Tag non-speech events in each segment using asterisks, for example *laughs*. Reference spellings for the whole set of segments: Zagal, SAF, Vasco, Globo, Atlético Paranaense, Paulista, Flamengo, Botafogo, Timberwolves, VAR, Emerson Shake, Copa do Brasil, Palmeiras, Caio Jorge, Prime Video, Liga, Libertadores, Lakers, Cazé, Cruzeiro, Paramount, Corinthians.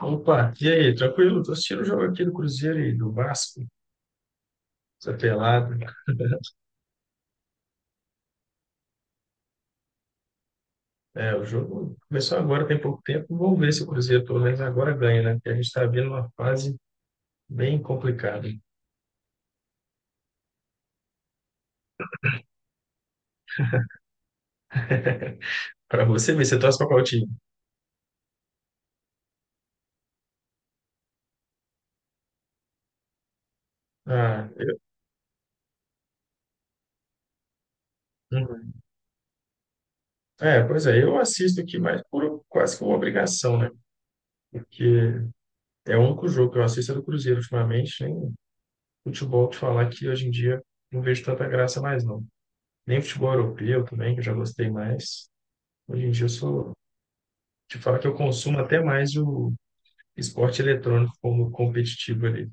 Opa, e aí, tranquilo? Tô assistindo o jogo aqui do Cruzeiro e do Vasco, essa pelada. *laughs* É, o jogo começou agora, tem pouco tempo. Vamos ver se o Cruzeiro pelo menos agora ganha, né? Porque a gente está vendo uma fase bem complicada. *laughs* Para você ver, você torce para qual time? Ah, uhum. É, pois é, eu assisto aqui mais por quase que uma obrigação, né? Porque é o único jogo que eu assisto é do Cruzeiro ultimamente, nem futebol te falar que hoje em dia não vejo tanta graça mais, não. Nem futebol europeu também, que eu já gostei mais. Hoje em dia eu sou, te falar que eu consumo até mais o esporte eletrônico como competitivo ali.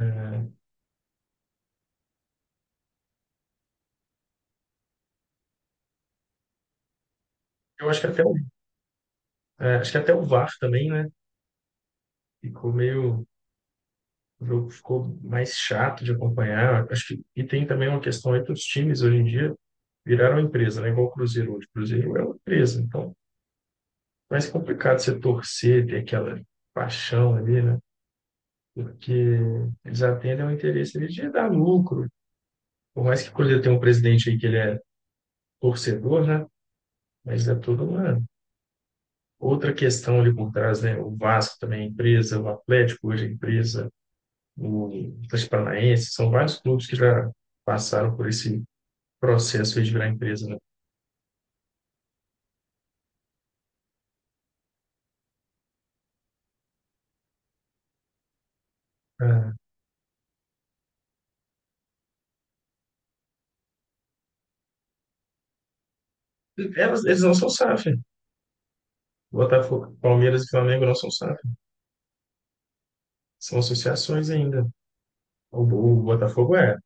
É, eu acho que até o, é, acho que até o VAR também, né? Ficou meio, o jogo ficou mais chato de acompanhar. E tem também uma questão aí que os times hoje em dia viraram empresa, né? Igual o Cruzeiro hoje. O Cruzeiro é uma empresa, então é mais complicado você torcer, ter aquela paixão ali, né? Porque eles atendem ao interesse ali de dar lucro. Por mais que o Cruzeiro tenha um presidente aí que ele é torcedor, né? Mas é toda uma outra questão ali por trás, né? O Vasco também é empresa, o Atlético hoje é empresa, o Atlético Paranaense, são vários clubes que já passaram por esse processo aí de virar empresa, né? Ah, eles não são SAF. Botafogo, Palmeiras e Flamengo não são SAF. São associações ainda. O Botafogo é.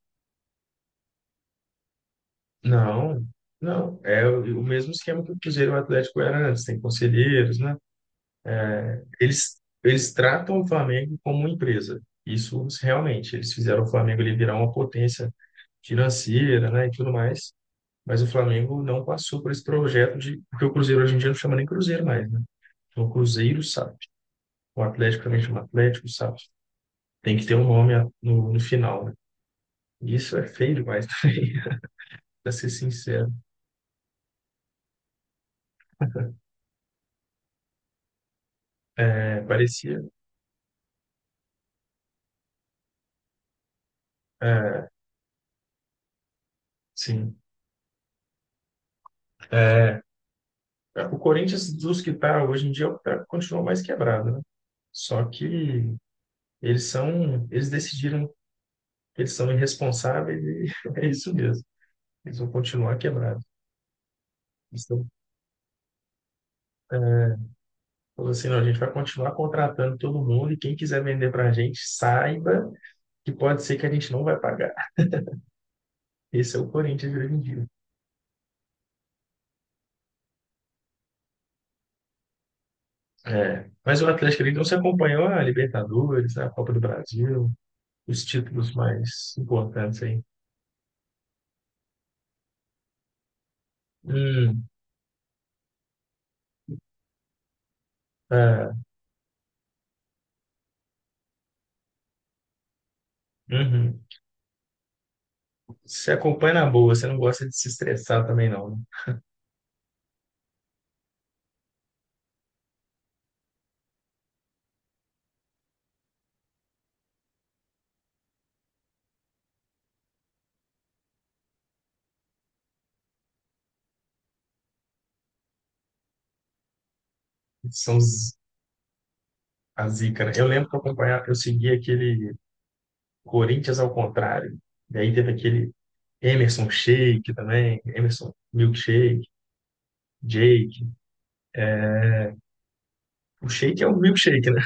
Não, não. É o mesmo esquema que o Cruzeiro e o Atlético era antes. Tem conselheiros, né? Eles tratam o Flamengo como uma empresa. Isso realmente. Eles fizeram o Flamengo ele virar uma potência financeira, né, e tudo mais. Mas o Flamengo não passou por esse projeto de. Porque o Cruzeiro hoje em dia não chama nem Cruzeiro mais, né? Então, o Cruzeiro SAF. O Atlético também chama Atlético SAF. Tem que ter um nome no final, né? E isso é feio demais *laughs* também, para ser sincero. É, parecia. É, sim. O Corinthians, dos que está hoje em dia, é o que continua mais quebrado, né? Só que eles decidiram que eles são irresponsáveis e *laughs* é isso mesmo. Eles vão continuar quebrados. Eles estão falando assim, não, a gente vai continuar contratando todo mundo e quem quiser vender para a gente, saiba que pode ser que a gente não vai pagar. Esse é o Corinthians de hoje em dia. É. Mas o Atlético ele não se acompanhou a Libertadores, a Copa do Brasil, os títulos mais importantes aí. Hum, ah, uhum. Você acompanha na boa, você não gosta de se estressar também não, né? São os A zica, né? Eu lembro que eu acompanhava, eu seguia aquele Corinthians ao contrário. E aí teve aquele Emerson Shake também, Emerson Milkshake, Jake. O Shake é o milkshake, né?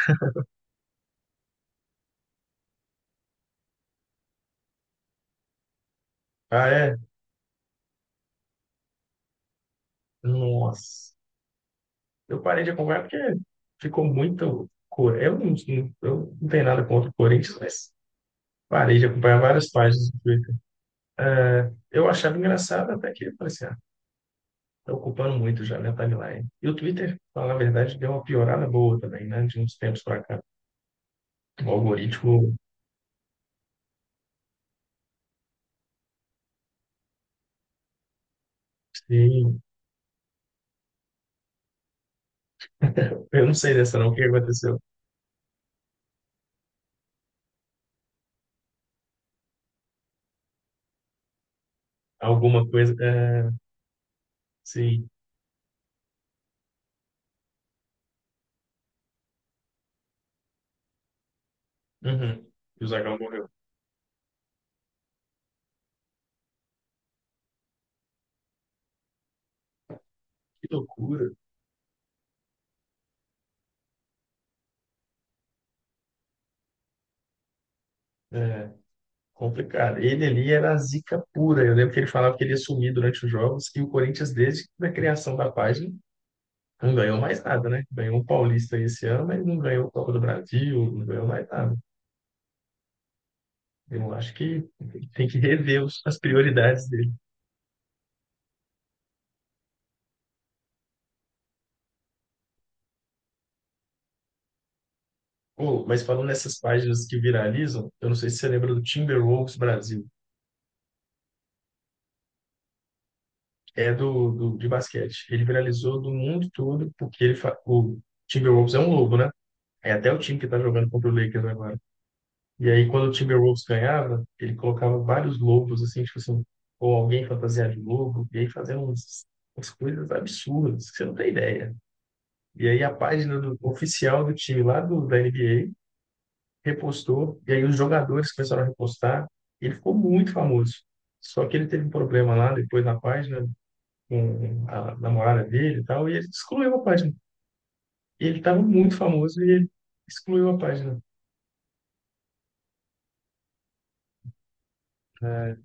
Ah, é? Nossa. Eu parei de acompanhar porque ficou muito. co- Eu não, eu não tenho nada contra o Corinthians, mas parei de acompanhar várias páginas do Twitter. É, eu achava engraçado até que parecia, ah, tá ocupando muito já, né, timeline. E o Twitter, pra falar a verdade, deu uma piorada boa também, né, de uns tempos pra cá. O algoritmo, sim. Eu não sei dessa não, o que aconteceu? Alguma coisa, é, sim. Uhum. E o Zagal morreu. Que loucura. É, complicado. Ele ali era a zica pura. Eu lembro que ele falava que ele ia sumir durante os jogos e o Corinthians, desde a criação da página, não ganhou mais nada, né? Ganhou um Paulista esse ano, mas não ganhou o Copa do Brasil, não ganhou mais nada. Eu acho que tem que rever as prioridades dele. Pô, mas falando nessas páginas que viralizam, eu não sei se você lembra do Timberwolves Brasil. É do de basquete. Ele viralizou do mundo todo porque ele fa... o Timberwolves é um lobo, né? É até o time que tá jogando contra o Lakers agora. E aí quando o Timberwolves ganhava, ele colocava vários lobos assim, tipo assim, ou alguém fantasiado de lobo, e aí fazendo uns, umas coisas absurdas, que você não tem ideia. E aí a página oficial do time lá da NBA repostou, e aí os jogadores começaram a repostar, e ele ficou muito famoso. Só que ele teve um problema lá depois na página, com a namorada dele e tal, e ele excluiu a página. E ele estava muito famoso e ele excluiu a página. Né?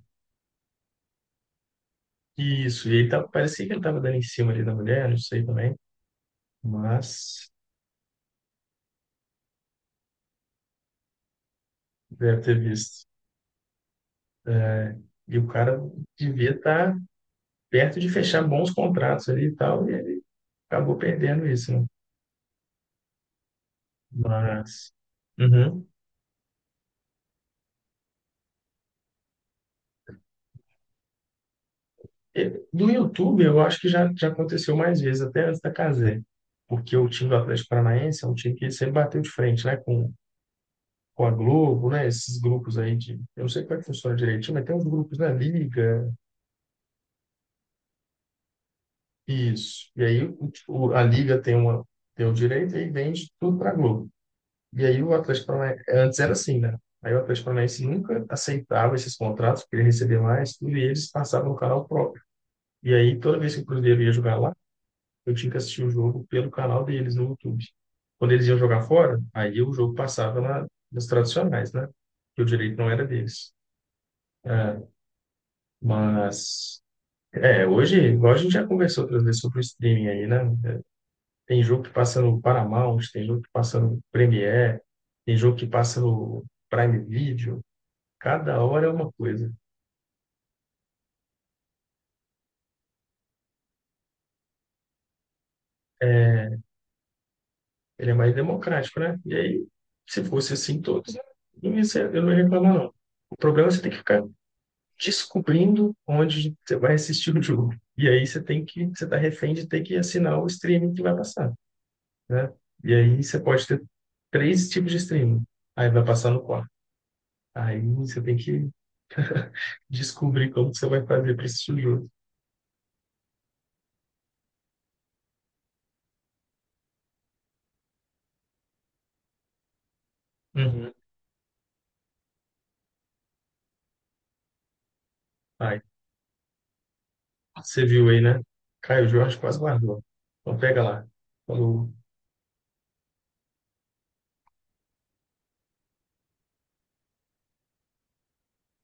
Isso, e ele tava, parecia que ele estava dando em cima ali da mulher, não sei também, mas deve ter visto. É, e o cara devia estar perto de fechar bons contratos ali e tal, e ele acabou perdendo isso, né? Mas. Uhum. E do YouTube, eu acho que já aconteceu mais vezes, até antes da Cazé. Porque o time do Atlético Paranaense é um time que sempre bateu de frente, né, com a Globo, né? Esses grupos aí de. Eu não sei como é que funciona direitinho, mas tem uns grupos na Liga, isso. E aí a Liga tem, tem o direito e vende tudo para a Globo. E aí o Atlético Paranaense. Antes era assim, né? Aí o Atlético Paranaense nunca aceitava esses contratos, queria receber mais, tudo, e eles passavam no canal próprio. E aí toda vez que o Cruzeiro ia jogar lá, eu tinha que assistir o jogo pelo canal deles no YouTube. Quando eles iam jogar fora, aí o jogo passava nos tradicionais, né? Que o direito não era deles. É, mas É, hoje, igual a gente já conversou outras vezes sobre o streaming aí, né? Tem jogo que passa no Paramount, tem jogo que passa no Premiere, tem jogo que passa no Prime Video. Cada hora é uma coisa. Ele é mais democrático, né? E aí, se fosse assim todos, não ia eu não ia reclamar, não. O problema é você ter que ficar descobrindo onde você vai assistir o jogo. E aí você tá refém de ter que assinar o streaming que vai passar, né? E aí você pode ter três tipos de streaming. Aí vai passar no aí você tem que descobrir como que você vai fazer para esse tijolo. Uhum. Aí, você viu aí, né? Caio Jorge quase guardou. Então pega lá. Falou.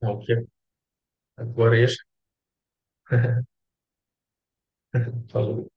Não, que agora é. *laughs* Falou.